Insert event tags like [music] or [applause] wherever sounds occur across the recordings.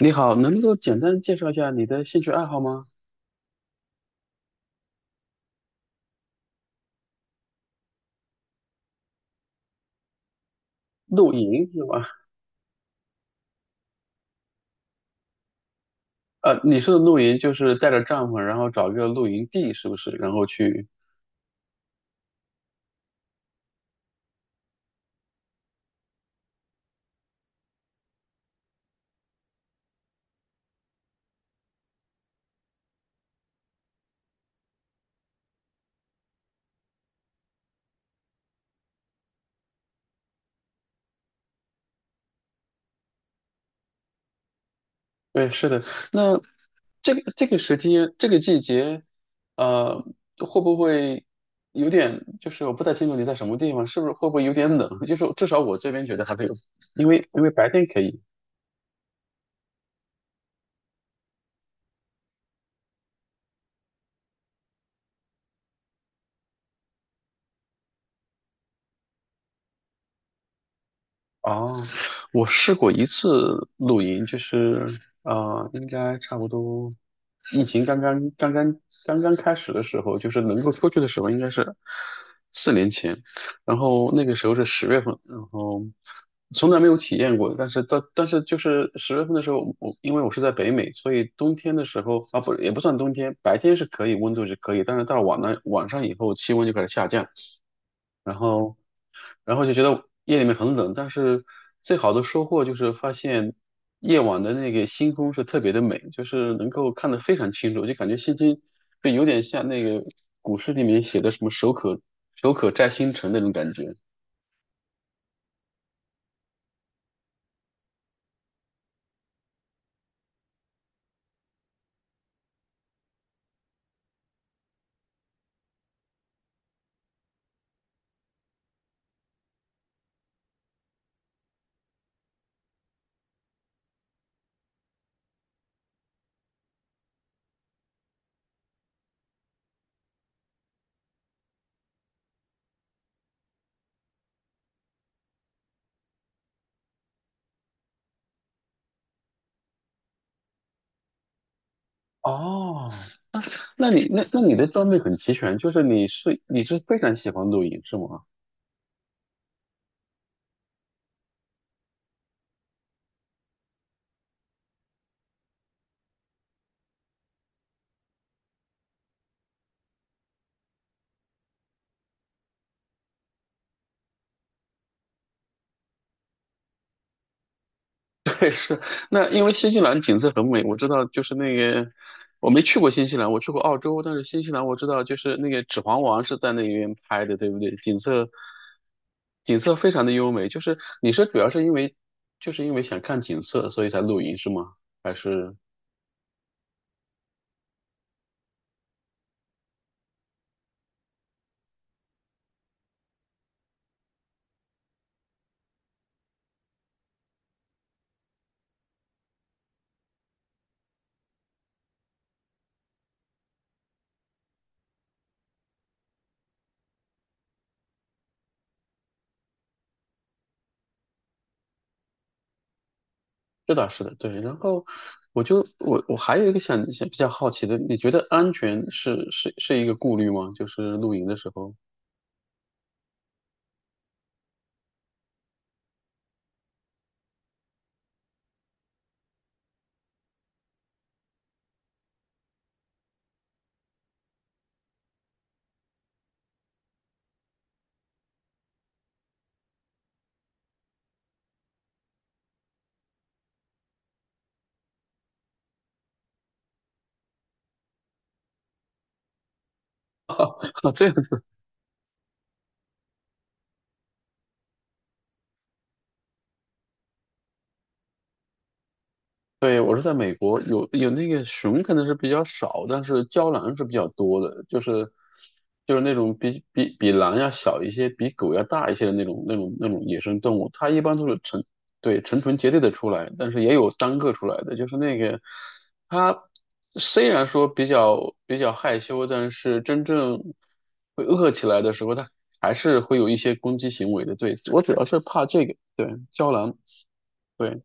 你好，能够简单介绍一下你的兴趣爱好吗？露营是吧？你说的露营就是带着帐篷，然后找一个露营地，是不是？然后去，对，是的。那这个时期，这个季节，呃，会不会有点？就是我不太清楚你在什么地方，是不是会不会有点冷？就是至少我这边觉得还没有，因为白天可以。哦，我试过一次露营，就是应该差不多疫情刚刚开始的时候，就是能够出去的时候，应该是4年前。然后那个时候是十月份，然后从来没有体验过。但是就是十月份的时候，我因为我是在北美，所以冬天的时候啊，不也不算冬天，白天是可以温度是可以，但是到了晚上以后，气温就开始下降。然后，然后就觉得夜里面很冷，但是最好的收获就是发现夜晚的那个星空是特别的美，就是能够看得非常清楚，就感觉星星就有点像那个古诗里面写的什么"手可摘星辰"那种感觉。哦，那你的装备很齐全，就是你是非常喜欢露营是吗？对，是。那因为新西兰景色很美，我知道就是那个我没去过新西兰，我去过澳洲，但是新西兰我知道就是那个《指环王》是在那边拍的，对不对？景色非常的优美，就是你是主要是因为就是因为想看景色，所以才露营是吗？还是这倒是的，对。然后我就我我还有一个想想比较好奇的，你觉得安全是一个顾虑吗？就是露营的时候，[laughs] 这对，我是在美国，有那个熊可能是比较少，但是郊狼是比较多的，就是那种比狼要小一些，比狗要大一些的那种野生动物，它一般都是成群结队的出来，但是也有单个出来的，就是那个它虽然说比较害羞，但是真正会饿起来的时候，它还是会有一些攻击行为的。对，我主要是怕这个，对，郊狼，对。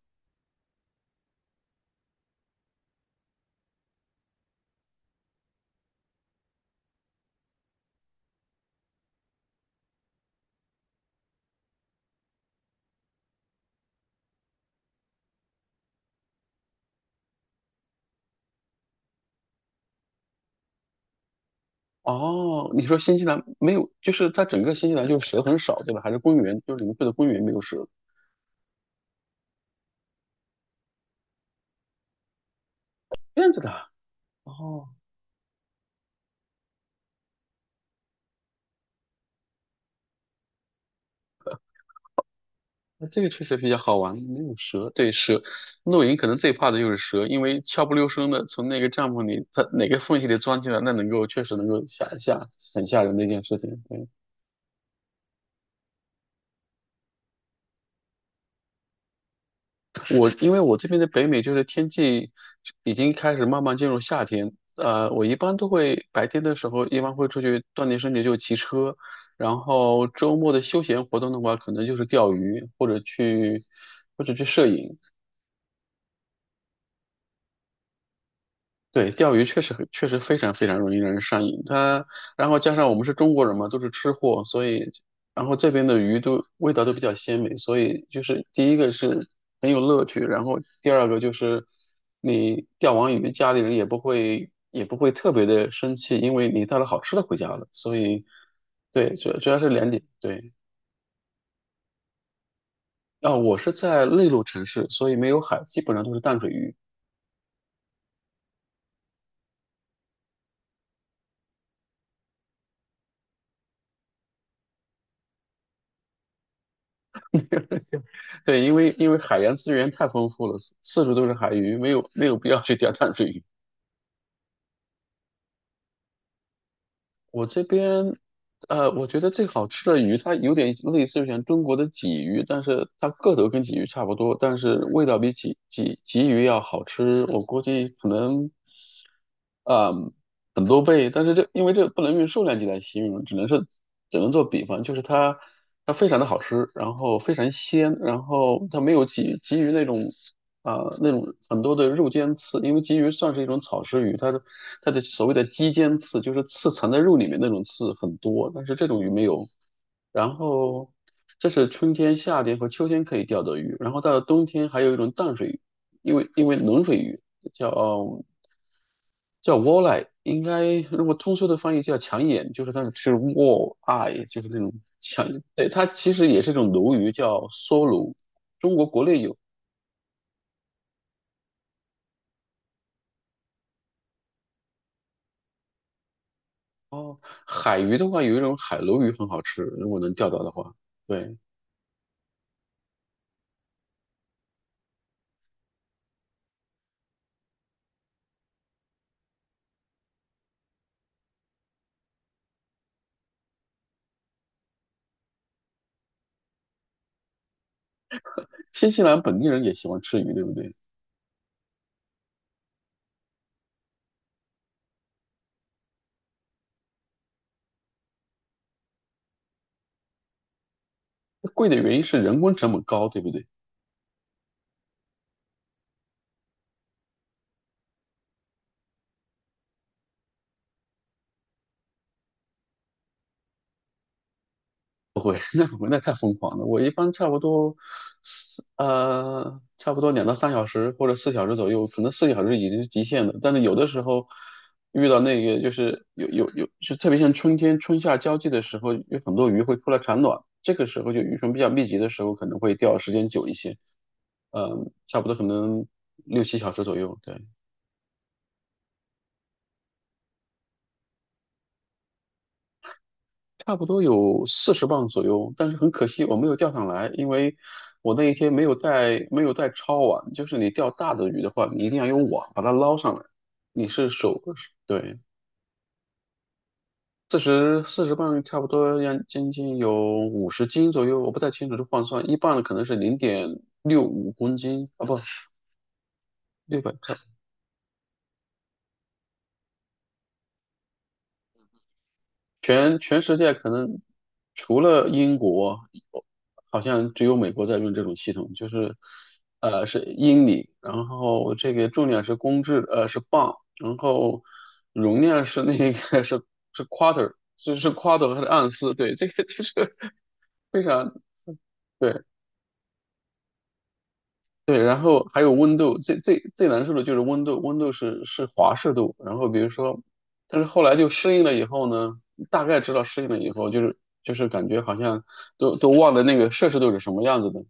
哦，你说新西兰没有，就是它整个新西兰就是蛇很少，对吧？还是公园，就是零碎的公园没有蛇，这样子的啊。哦，那这个确实比较好玩，没有蛇。对，蛇，露营可能最怕的就是蛇，因为悄不溜声的从那个帐篷里，它哪个缝隙里钻进来，那能够确实能够吓一吓很吓人的一件事情。对。我因为我这边的北美就是天气已经开始慢慢进入夏天，我一般都会白天的时候一般会出去锻炼身体，就骑车，然后周末的休闲活动的话，可能就是钓鱼或者去摄影。对，钓鱼确实非常非常容易让人上瘾。它，然后加上我们是中国人嘛，都是吃货，所以，然后这边的鱼都味道都比较鲜美，所以就是第一个是很有乐趣，然后第二个就是你钓完鱼，家里人也不会特别的生气，因为你带了好吃的回家了。所以，对，主要是两点，对。啊，我是在内陆城市，所以没有海，基本上都是淡水鱼。对，因为海洋资源太丰富了，四处都是海鱼，没有必要去钓淡水鱼。我这边，我觉得最好吃的鱼，它有点类似于像中国的鲫鱼，但是它个头跟鲫鱼差不多，但是味道比鲫鱼要好吃。我估计可能啊、很多倍，但是因为这不能用数量级来形容，只能做比方，就是它非常的好吃，然后非常鲜，然后它没有鲫鱼那种啊、那种很多的肉尖刺，因为鲫鱼算是一种草食鱼，它的所谓的肌尖刺就是刺藏在肉里面那种刺很多，但是这种鱼没有。然后这是春天、夏天和秋天可以钓的鱼，然后到了冬天还有一种淡水鱼，因为冷水鱼叫。叫 wall eye，应该如果通俗的翻译叫抢眼，就是它是 wall eye，就是那种抢。对，它其实也是一种鲈鱼，叫梭鲈，中国国内有。哦，海鱼的话有一种海鲈鱼很好吃，如果能钓到的话。对，新西兰本地人也喜欢吃鱼，对不对？贵的原因是人工成本高，对不对？那我那太疯狂了，我一般差不多差不多2到3小时或者四小时左右，可能四小时已经是极限了。但是有的时候遇到那个就是有，就特别像春天春夏交际的时候，有很多鱼会出来产卵，这个时候就鱼群比较密集的时候，可能会钓时间久一些，差不多可能6、7小时左右，对。差不多有四十磅左右，但是很可惜我没有钓上来，因为我那一天没有带抄网，就是你钓大的鱼的话，你一定要用网把它捞上来。你是手，对，四十磅差不多要将近有50斤左右，我不太清楚这换算，1磅可能是0.65公斤啊，不，600全世界可能除了英国，好像只有美国在用这种系统，就是是英里，然后这个重量是公制，是磅，然后容量是那个 [laughs] 是是 quarter，就是 quarter 和盎司，对，这个就是非常对。对，然后还有温度，最难受的就是温度，是华氏度。然后比如说，但是后来就适应了以后呢，大概知道适应了以后，就是感觉好像都忘了那个摄氏度是什么样子的。